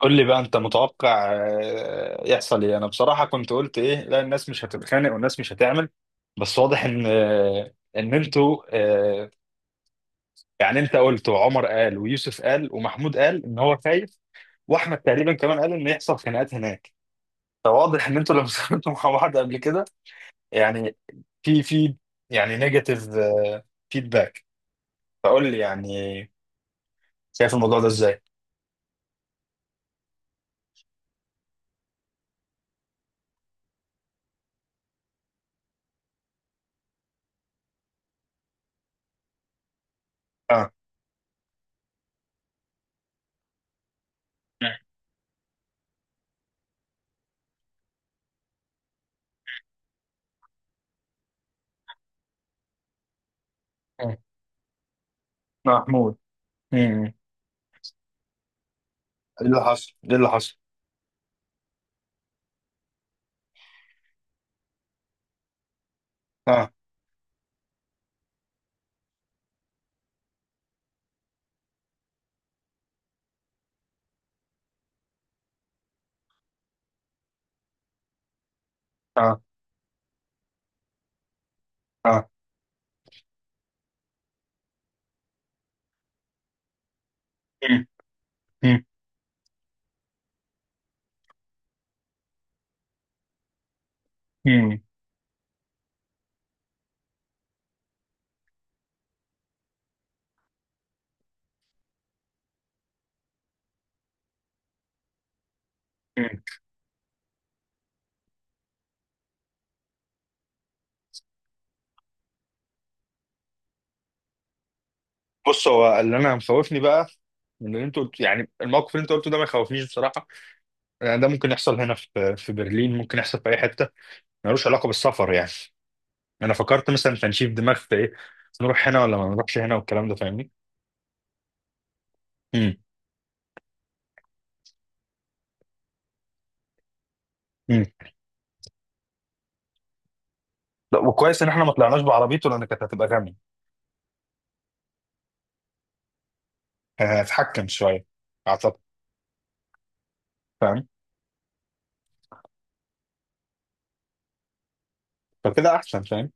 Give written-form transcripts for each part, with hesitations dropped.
قول لي بقى انت متوقع يحصل ايه؟ انا بصراحة كنت قلت ايه، لا الناس مش هتتخانق والناس مش هتعمل. بس واضح ان ان انتوا. آه، يعني انت قلت وعمر قال ويوسف قال ومحمود قال ان هو خايف. واحمد تقريبا كمان قال ان يحصل خناقات هناك. فواضح ان انتوا لما سافرتوا مع بعض قبل كده، يعني في يعني نيجاتيف فيدباك. فقول لي يعني شايف الموضوع ده ازاي؟ اه. مم. محمود. مم. ايه اللي حصل؟ ايه اللي حصل؟ آه. اه اه. مم، مم، مم، مم. بص، هو اللي انا مخوفني بقى من اللي انت قلت. يعني الموقف اللي انت قلته ده ما يخوفنيش بصراحه. يعني ده ممكن يحصل هنا في برلين، ممكن يحصل في اي حته، ملوش علاقه بالسفر يعني. انا فكرت مثلا تنشيف دماغ في ايه، نروح هنا ولا ما نروحش هنا والكلام ده، فاهمني؟ امم. امم. لا، وكويس ان احنا ما طلعناش بعربيته لان كانت هتبقى غامي. كان هيتحكم شويه اعتقد. فاهم. فكده احسن، فاهم.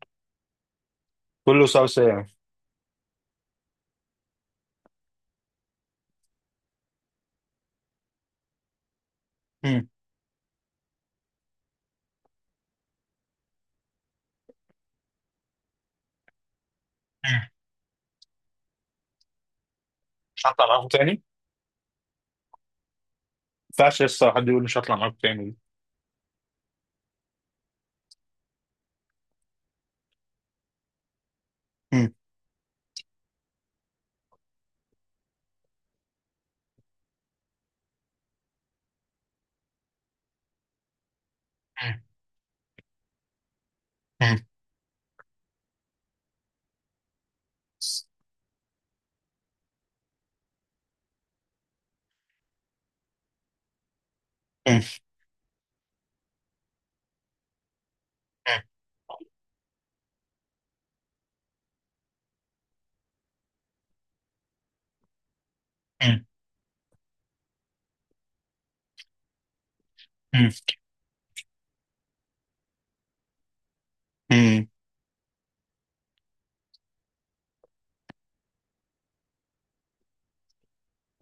كله سوا سوا يعني. امم. امم. مش هطلع معاكم تاني، ما ينفعش لسه حد يقول مش هطلع معاكم تاني.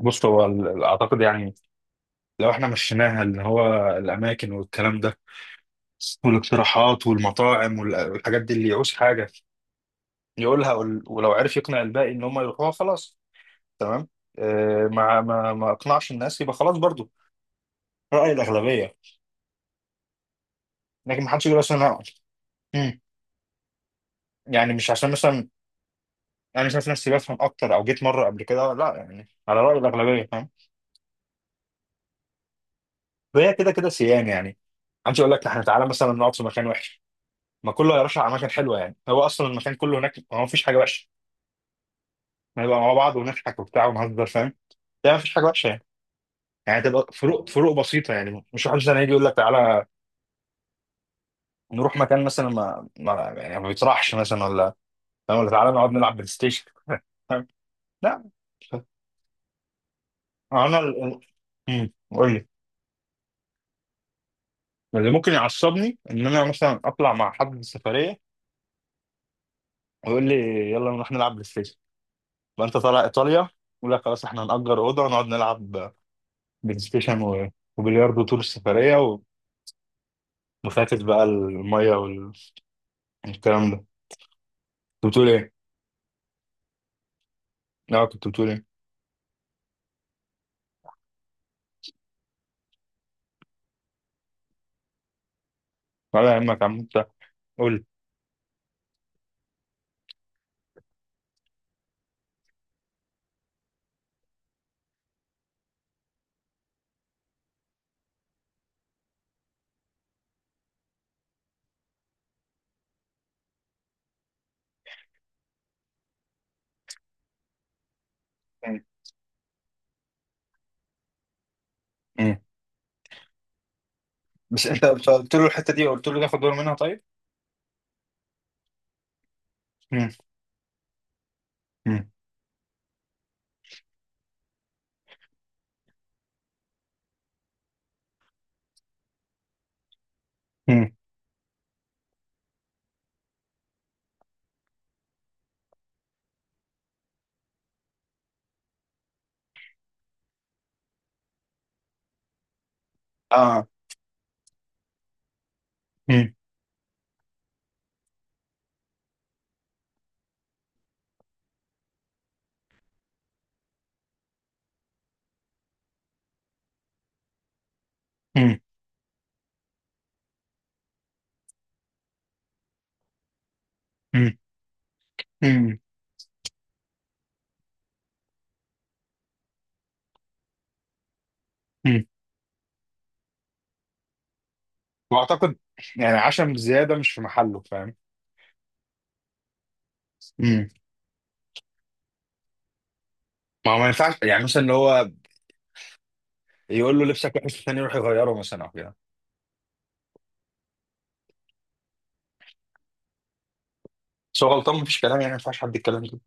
بص، هو اعتقد يعني لو احنا مشيناها اللي هو الاماكن والكلام ده والاقتراحات والمطاعم والحاجات دي، اللي يعوز حاجه يقولها، ولو عرف يقنع الباقي ان هم يروحوها خلاص. تمام. ما اقنعش الناس يبقى خلاص برضو راي الاغلبيه. لكن ما حدش يقول اصلا انا. مم. يعني مش عشان مثلا انا شايف نفسي بفهم اكتر او جيت مره قبل كده، لا، يعني على راي الاغلبيه، فاهم؟ وهي كده كده سيان يعني. عايز اقول لك احنا تعالى مثلا نقعد في مكان وحش، ما كله هيرشح على مكان حلوه، يعني هو اصلا المكان كله هناك ما فيش حاجه وحشه. نبقى مع بعض ونضحك وبتاع ونهزر، فاهم؟ ده ما فيش حاجه وحشه يعني. يعني تبقى فروق فروق بسيطه يعني. مش واحد مثلا يجي يقول لك تعالى نروح مكان مثلا ما ما يعني ما بيطرحش مثلا، ولا، فاهم؟ ولا تعالى نقعد نلعب بلاي ستيشن فاهم؟ لا. انا قول لي. اللي ممكن يعصبني ان انا مثلا اطلع مع حد سفريه ويقول لي يلا نروح نلعب بلاي ستيشن، فانت طالع ايطاليا، يقول لك خلاص احنا هنأجر اوضه ونقعد نلعب بلاي ستيشن وبلياردو طول السفريه وفاكس بقى الميه والكلام ده. كنت بتقول ايه؟ لا، كنت بتقول ايه؟ ولا يهمك يا عم انت، قول. مم. مم. بس انت قلت له الحته دي، قلت له ناخد باله منها، طيب؟ مم. مم. مم. اه. مم. مم. مم. مم. مم. واعتقد يعني عشم زياده مش في محله، فاهم؟ مم. ما هو ما ينفعش يعني مثلا اللي هو يقول له لبسك وحش، الثاني يروح يغيره مثلا او كده. بس هو غلطان، مفيش كلام، يعني ما ينفعش حد يتكلم كده.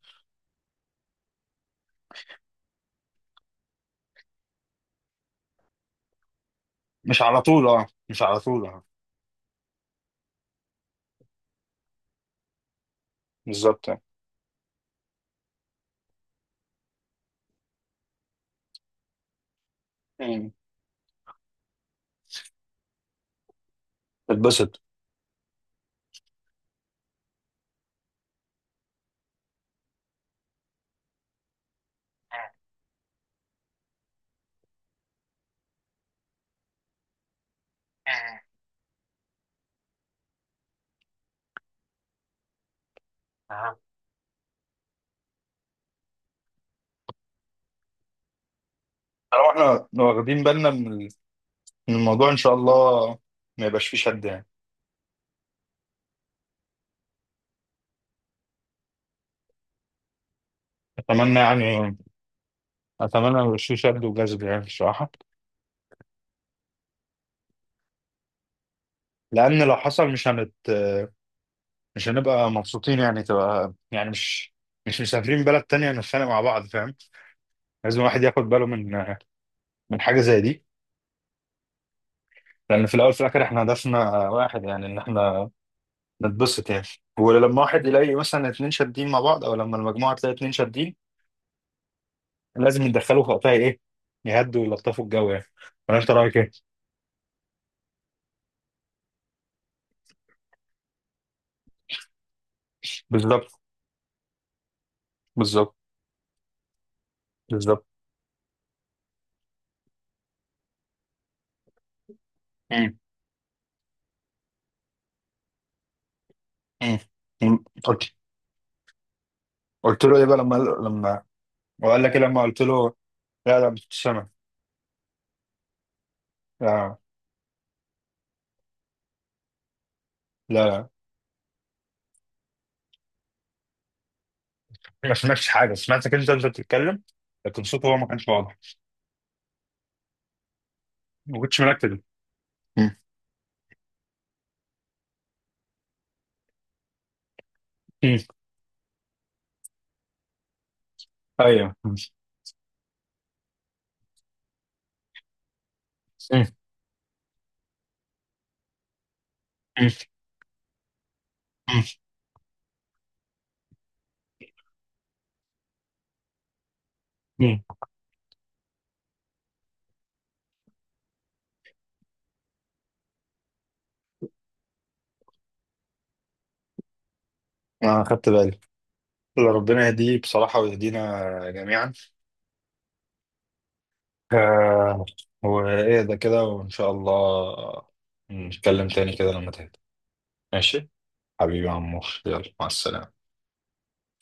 مش على طول، اه، مش على طول، اه. بالظبط يعني. مم. اتبسط. آه. طالما احنا واخدين بالنا من من الموضوع ان شاء الله ما يبقاش فيه شد يعني. اتمنى يعني. اتمنى ما يبقاش فيه شد وجذب يعني الصراحه. لان لو حصل مش هنبقى مبسوطين يعني. تبقى يعني مش مش مسافرين بلد تانية نتخانق مع بعض، فاهم؟ لازم الواحد ياخد باله من حاجه زي دي. لان في الاول في الاخر احنا هدفنا واحد يعني، ان احنا نتبسط يعني. ولما واحد يلاقي مثلا اتنين شادين مع بعض، او لما المجموعه تلاقي اتنين شادين، لازم يتدخلوا في وقتها، ايه، يهدوا ويلطفوا الجو يعني. ولا انت رايك ايه؟ بالظبط. بالظبط. بالظبط. مم. مم. مم. قلت له ايه بقى لما؟ وقال لك ايه لما قلت له؟ لا لا، مش سامع. لا. لا لا، ما سمعتش حاجه، سمعتك انت بتتكلم، لكن صوته هو ما كانش واضح. ما كنتش مركز. مم. مم. ايوه. مم. مم. مم. مم. انا خدت بالي. اللي ربنا يهديه بصراحة، ويهدينا جميعا. آه. وإهدى كده وإن شاء الله نتكلم تاني كده لما تهدى. ماشي. حبيبي يا عمور، يلا مع السلامة.